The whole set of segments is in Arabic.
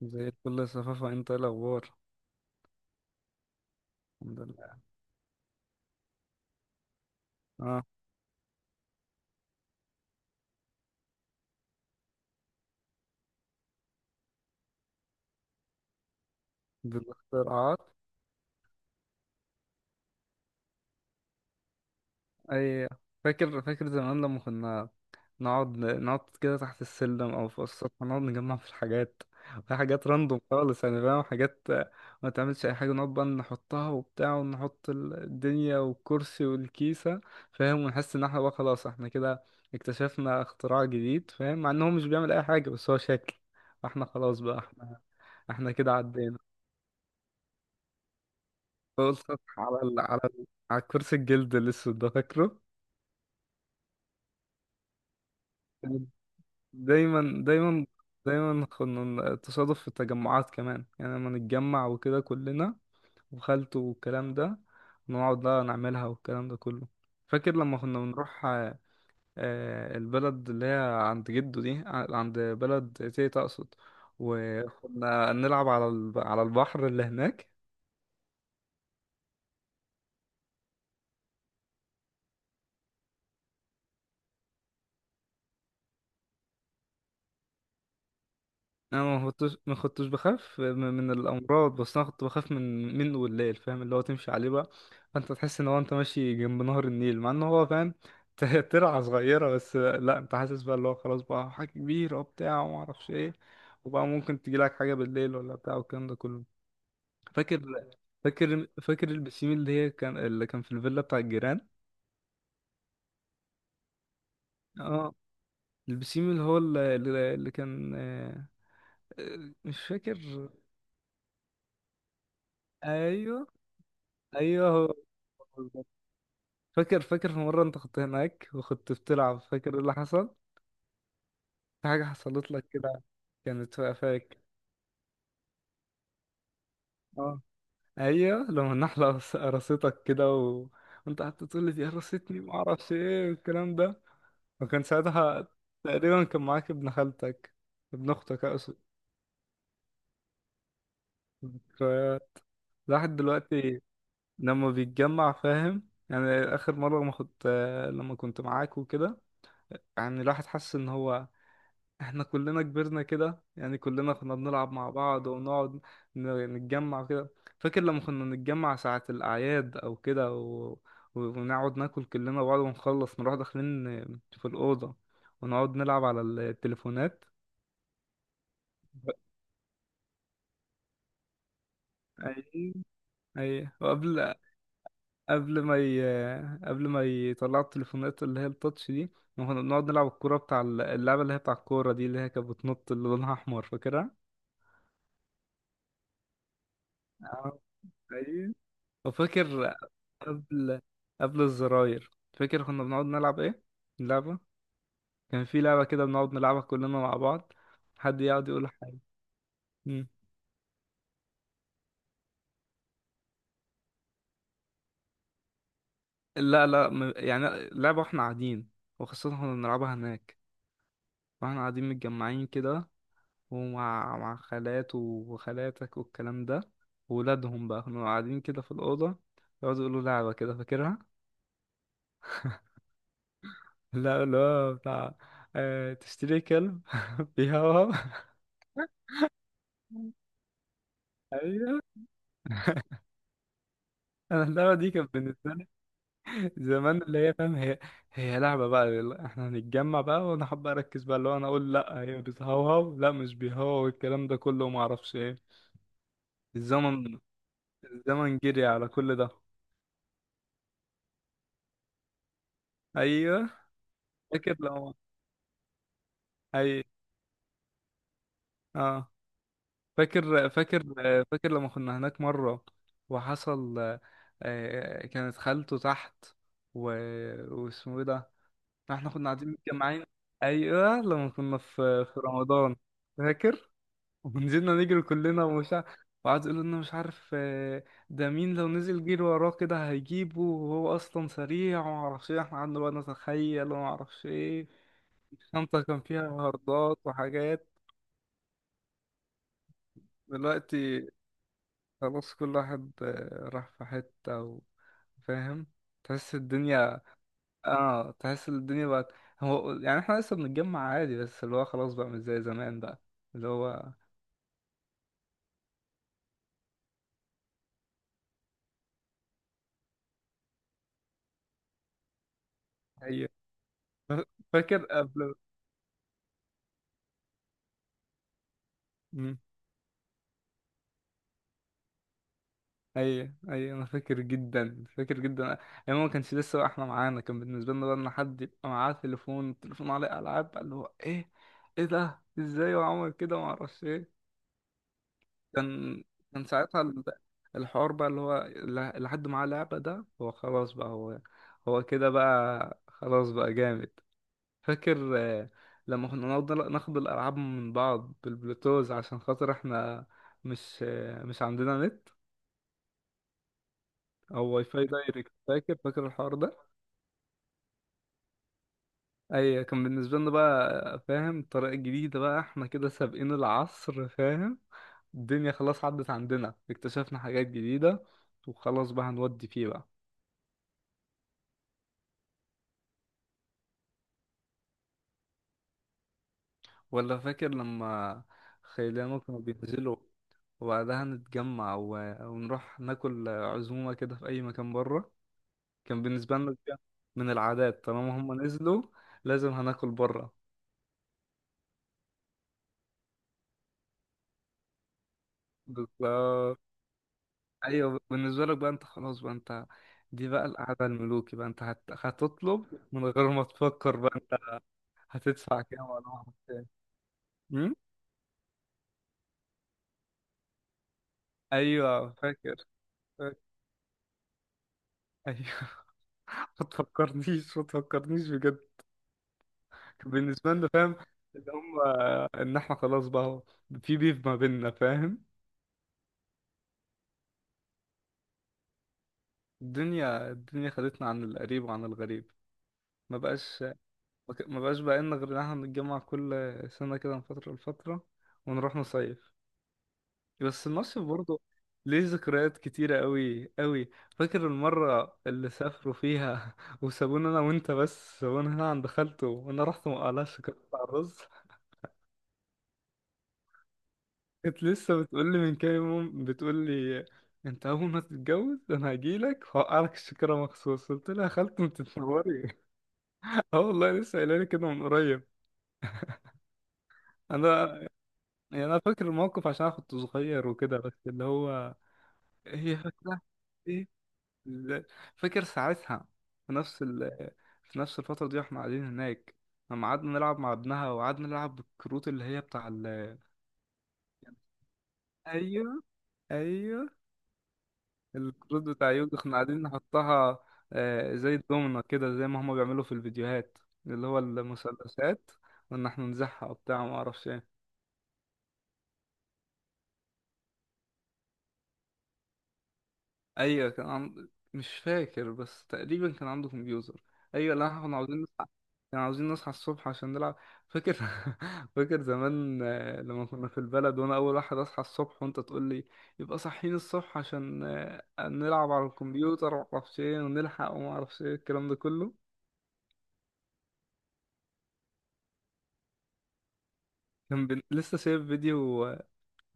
زي الفل يا صفافة، انت ايه الاخبار؟ الحمد لله. اه. بالاختراعات. اي. فاكر فاكر زمان لما كنا نقعد كده تحت السلم او في السطح، نقعد نجمع في الحاجات، في حاجات راندوم خالص، يعني فاهم حاجات ما تعملش اي حاجه، نقعد بقى نحطها وبتاع، ونحط الدنيا والكرسي والكيسه، فاهم، ونحس ان احنا بقى خلاص، احنا كده اكتشفنا اختراع جديد، فاهم، مع ان هو مش بيعمل اي حاجه بس هو شكل. احنا خلاص بقى احنا، احنا كده عدينا. قلت على ال... على ال... على كرسي الجلد الأسود ده، فاكره؟ دايما دايما، دايما كنا تصادف في التجمعات كمان، يعني لما نتجمع وكده كلنا، وخالته والكلام ده، نقعد بقى نعملها والكلام ده كله. فاكر لما كنا بنروح البلد اللي هي عند جده دي، عند بلد تيتا أقصد. وكنا نلعب على على البحر اللي هناك. انا ما كنتش ما كنتش بخاف من الامراض، بس انا كنت بخاف منه والليل، فاهم، اللي هو تمشي عليه بقى. فانت تحس ان هو انت ماشي جنب نهر النيل مع ان هو، فاهم، ترعه صغيره، بس لا، انت حاسس بقى اللي هو خلاص بقى حاجه كبيره وبتاع وما اعرفش ايه، وبقى ممكن تجي لك حاجه بالليل ولا بتاع والكلام ده كله. فاكر فاكر فاكر البسيم اللي هي كان، اللي كان في الفيلا بتاع الجيران. اه. البسيم اللي هو اللي كان مش فاكر. ايوه ايوه هو. فاكر فاكر في مرة انت كنت هناك وكنت بتلعب، فاكر ايه اللي حصل؟ في حاجة حصلت لك كده، كانت واقفاك. اه. ايوه لما النحلة قرصتك كده، و... وانت قعدت تقول لي دي قرصتني ومعرفش ايه والكلام ده. وكان ساعتها تقريبا كان معاك ابن خالتك، ابن اختك اقصد. ذكريات. الواحد دلوقتي لما بيتجمع، فاهم، يعني اخر مرة ما كنت، لما كنت معاك وكده، يعني الواحد حس ان هو احنا كلنا كبرنا كده، يعني كلنا كنا بنلعب مع بعض ونقعد نتجمع كده. فاكر لما كنا نتجمع ساعة الأعياد أو كده، و... و- ونقعد ناكل كلنا بعض ونخلص نروح داخلين في الأوضة ونقعد نلعب على التليفونات. أي أي. وقبل قبل ما ي... قبل ما يطلعوا التليفونات اللي هي التاتش دي، كنا بنقعد نلعب الكورة بتاع اللعبة اللي هي بتاع الكورة دي اللي هي كانت بتنط اللي لونها أحمر، فاكرها؟ اه. أيوة. وفاكر قبل، قبل الزراير، فاكر كنا بنقعد نلعب ايه؟ اللعبة، كان في لعبة كده بنقعد نلعبها كلنا مع بعض، حد يقعد يقول حاجة. مم. لا لا يعني لعبة واحنا قاعدين، وخاصة كنا بنلعبها هناك، واحنا قاعدين متجمعين كده، ومع خالات وخالاتك والكلام ده وولادهم بقى، كنا قاعدين كده في الأوضة يقعدوا يقولوا لعبة كده، فاكرها؟ لا لا، بتاع تشتري كلب بيهوهو. ايوه. انا اللعبه دي كانت بالنسبه زمان، اللي هي فاهم، هي هي لعبة بقى، يلا احنا هنتجمع بقى وانا حابة اركز بقى، اللي هو انا اقول لا هي بتهوهو لا مش بيهوهو والكلام ده كله وما اعرفش ايه. الزمن الزمن جري على كل ده. ايوه فاكر لما اي اه. فاكر فاكر، فاكر لما كنا هناك مرة وحصل، كانت خالته تحت، و... واسمه ايه ده؟ احنا كنا قاعدين متجمعين، ايوه لما كنا في رمضان. فاكر ونزلنا نجري كلنا ومش عارف، وقعد يقول لنا مش عارف ده مين لو نزل جري وراه كده هيجيبه وهو اصلا سريع ومعرفش ايه، احنا قعدنا بقى نتخيل ومعرفش ايه. الشنطة كان فيها هاردات وحاجات. دلوقتي خلاص كل واحد راح في حتة، و- فاهم، تحس الدنيا. اه تحس الدنيا بقت، هو يعني احنا لسه بنتجمع عادي بس اللي هو خلاص بقى مش زي زمان بقى. اللي هو هي فاكر قبل. مم. اي اي. انا فاكر جدا فاكر جدا، يعني ما كانش لسه بقى، احنا معانا كان بالنسبه لنا بقى ان حد يبقى معاه تليفون، التليفون عليه العاب بقى، اللي هو ايه، ايه ده ازاي وعمل كده وما اعرفش ايه. كان كان ساعتها الحوار بقى اللي هو اللي حد معاه لعبه ده هو خلاص بقى هو، هو كده بقى خلاص بقى جامد. فاكر لما كنا نقعد ناخد الالعاب من بعض بالبلوتوز عشان خاطر احنا مش مش عندنا نت او واي فاي دايركت. فاكر فاكر الحوار ده. اي كان بالنسبه لنا بقى، فاهم، الطريقه الجديده بقى احنا كده سابقين العصر، فاهم، الدنيا خلاص عدت عندنا، اكتشفنا حاجات جديده وخلاص بقى هنودي فيه بقى. ولا فاكر لما خيلانه كانوا بينزلوا، وبعدها نتجمع و... ونروح ناكل عزومه كده في اي مكان بره. كان بالنسبه لنا دي من العادات، طالما هم نزلوا لازم هناكل بره. بالظبط. ايوه بالنسبه لك بقى انت خلاص بقى، انت دي بقى القعده الملوكي بقى، انت هتطلب من غير ما تفكر بقى، انت هتدفع كام ولا هتدفع كام. أم؟ ايوه فاكر، فاكر. ايوه. ما تفكرنيش ما تفكرنيش بجد. كان بالنسبه لنا، فاهم، ان هم، ان احنا خلاص بقى هو في بيف ما بيننا، فاهم. الدنيا الدنيا خدتنا عن القريب وعن الغريب. ما بقاش، ما بقاش بقى لنا غير ان احنا نتجمع كل سنه كده من فتره لفتره ونروح نصيف، بس النصب برضه ليه ذكريات كتيرة قوي قوي. فاكر المرة اللي سافروا فيها وسابونا أنا وأنت بس، سابونا هنا عند خالته، وأنا رحت مقلعش كنت على الرز. كانت لسه بتقولي من كام يوم، بتقولي أنت أول ما تتجوز أنا هجيلك وهوقعلك الشكرا مخصوص، قلت لها يا خالته أنت تنوري. أه والله، لسه قايلة لي كده من قريب. أنا يعني أنا فاكر الموقف عشان أنا كنت صغير وكده، بس اللي هو هي فاكرة إيه؟ ال- فاكر ساعتها في نفس ال... في نفس الفترة دي واحنا قاعدين هناك، لما قعدنا نلعب مع ابنها، وقعدنا نلعب بالكروت اللي هي بتاع ايوه ايوه الكروت بتاع يوجي، احنا قاعدين نحطها زي الدومنة كده زي ما هما بيعملوا في الفيديوهات، اللي هو المثلثات، وان احنا نزحها وبتاع ما اعرفش إيه. ايوه كان مش فاكر بس تقريبا كان عنده كمبيوتر. ايوه لا احنا كنا عاوزين نصحى، كان عاوزين نصحى الصبح عشان نلعب. فاكر. فاكر زمان لما كنا في البلد، وانا اول واحد اصحى الصبح وانت تقول لي يبقى صاحيين الصبح عشان نلعب على الكمبيوتر ومعرفش ايه ونلحق ومعرفش ايه الكلام ده كله. كان لسه شايف فيديو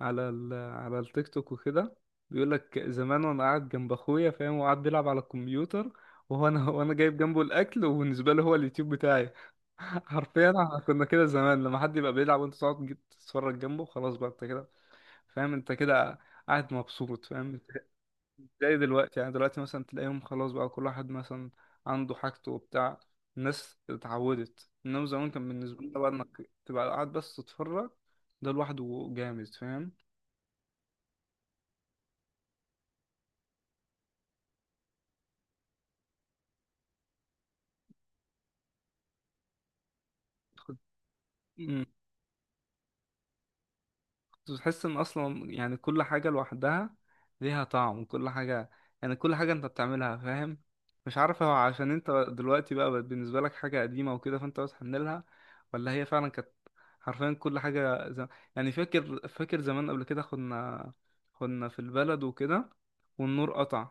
على التيك توك وكده، بيقول لك زمان وانا قاعد جنب اخويا، فاهم، وقعد بيلعب على الكمبيوتر وهو انا، وانا جايب جنبه الاكل وبالنسبه له هو اليوتيوب بتاعي. حرفيا احنا كنا كده زمان، لما حد يبقى بيلعب وانت تقعد تجي تتفرج جنبه، خلاص بقى انت كده، فاهم، انت كده قاعد مبسوط، فاهم انت. زي دلوقتي، يعني دلوقتي مثلا تلاقيهم خلاص بقى كل واحد مثلا عنده حاجته وبتاع، الناس اتعودت، انما زمان كان بالنسبه لنا بقى انك تبقى قاعد بس تتفرج ده لوحده جامد، فاهم. مم. كنت بتحس ان اصلا يعني كل حاجه لوحدها ليها طعم، وكل حاجه يعني كل حاجه انت بتعملها، فاهم، مش عارف هو عشان انت دلوقتي بقى بقت بالنسبه لك حاجه قديمه وكده، فانت بتحن لها، ولا هي فعلا كانت حرفيا كل حاجه يعني فاكر فاكر زمان قبل كده، كنا كنا في البلد وكده والنور قطع.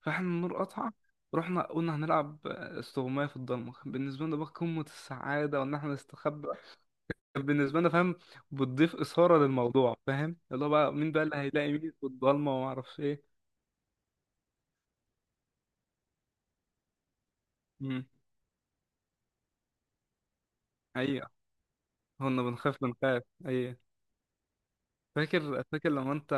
فاحنا النور قطع، رحنا قلنا هنلعب استغماية في الضلمة، بالنسبة لنا بقى قمة السعادة وإن احنا نستخبى، بالنسبة لنا، فاهم، بتضيف إثارة للموضوع، فاهم، اللي هو بقى مين بقى اللي هيلاقي مين في الضلمة وما أعرفش إيه. امم. أيوة. كنا بنخاف بنخاف، أيوة. فاكر فاكر لما أنت،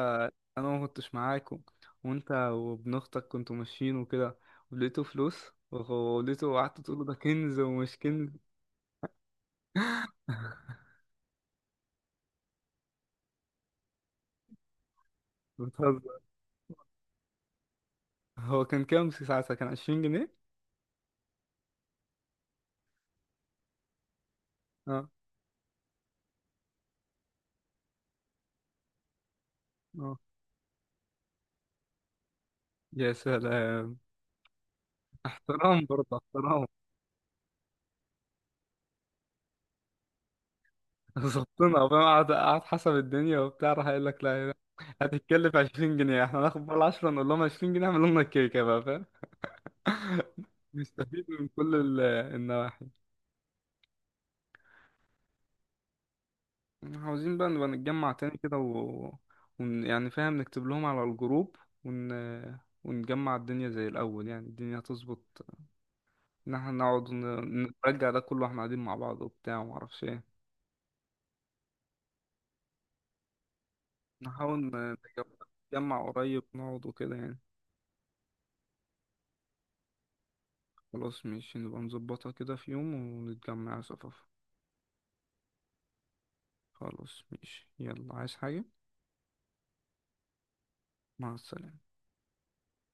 أنا ما كنتش معاك، و... وأنت وابن أختك كنتوا ماشيين وكده ولقيتوا فلوس ولقيته، وقعدت تقول له ده كنز ومش كنز. بتهزر. هو كان كام ساعتها، كان 20 جنيه؟ اه. اه. يا سلام. احترام برضه احترام. ظبطنا، فاهم. قعد قعد حسب الدنيا وبتاع، راح قايل لك لا لا، هتتكلف 20 جنيه، احنا هناخد بقى 10، نقول لهم 20 جنيه اعملوا لنا الكيكه بقى، فاهم. نستفيد من كل النواحي. عاوزين بقى نبقى نتجمع تاني كده، و... يعني فاهم نكتب لهم على الجروب ون... ونجمع الدنيا زي الأول، يعني الدنيا هتظبط إن احنا نقعد نرجع ده كله واحنا قاعدين مع بعض وبتاع ومعرفش ايه. نحاول نجمع، نتجمع قريب نقعد وكده يعني. خلاص ماشي نبقى نظبطها كده في يوم ونتجمع يا صفافة. خلاص ماشي، يلا عايز حاجة؟ مع السلامة.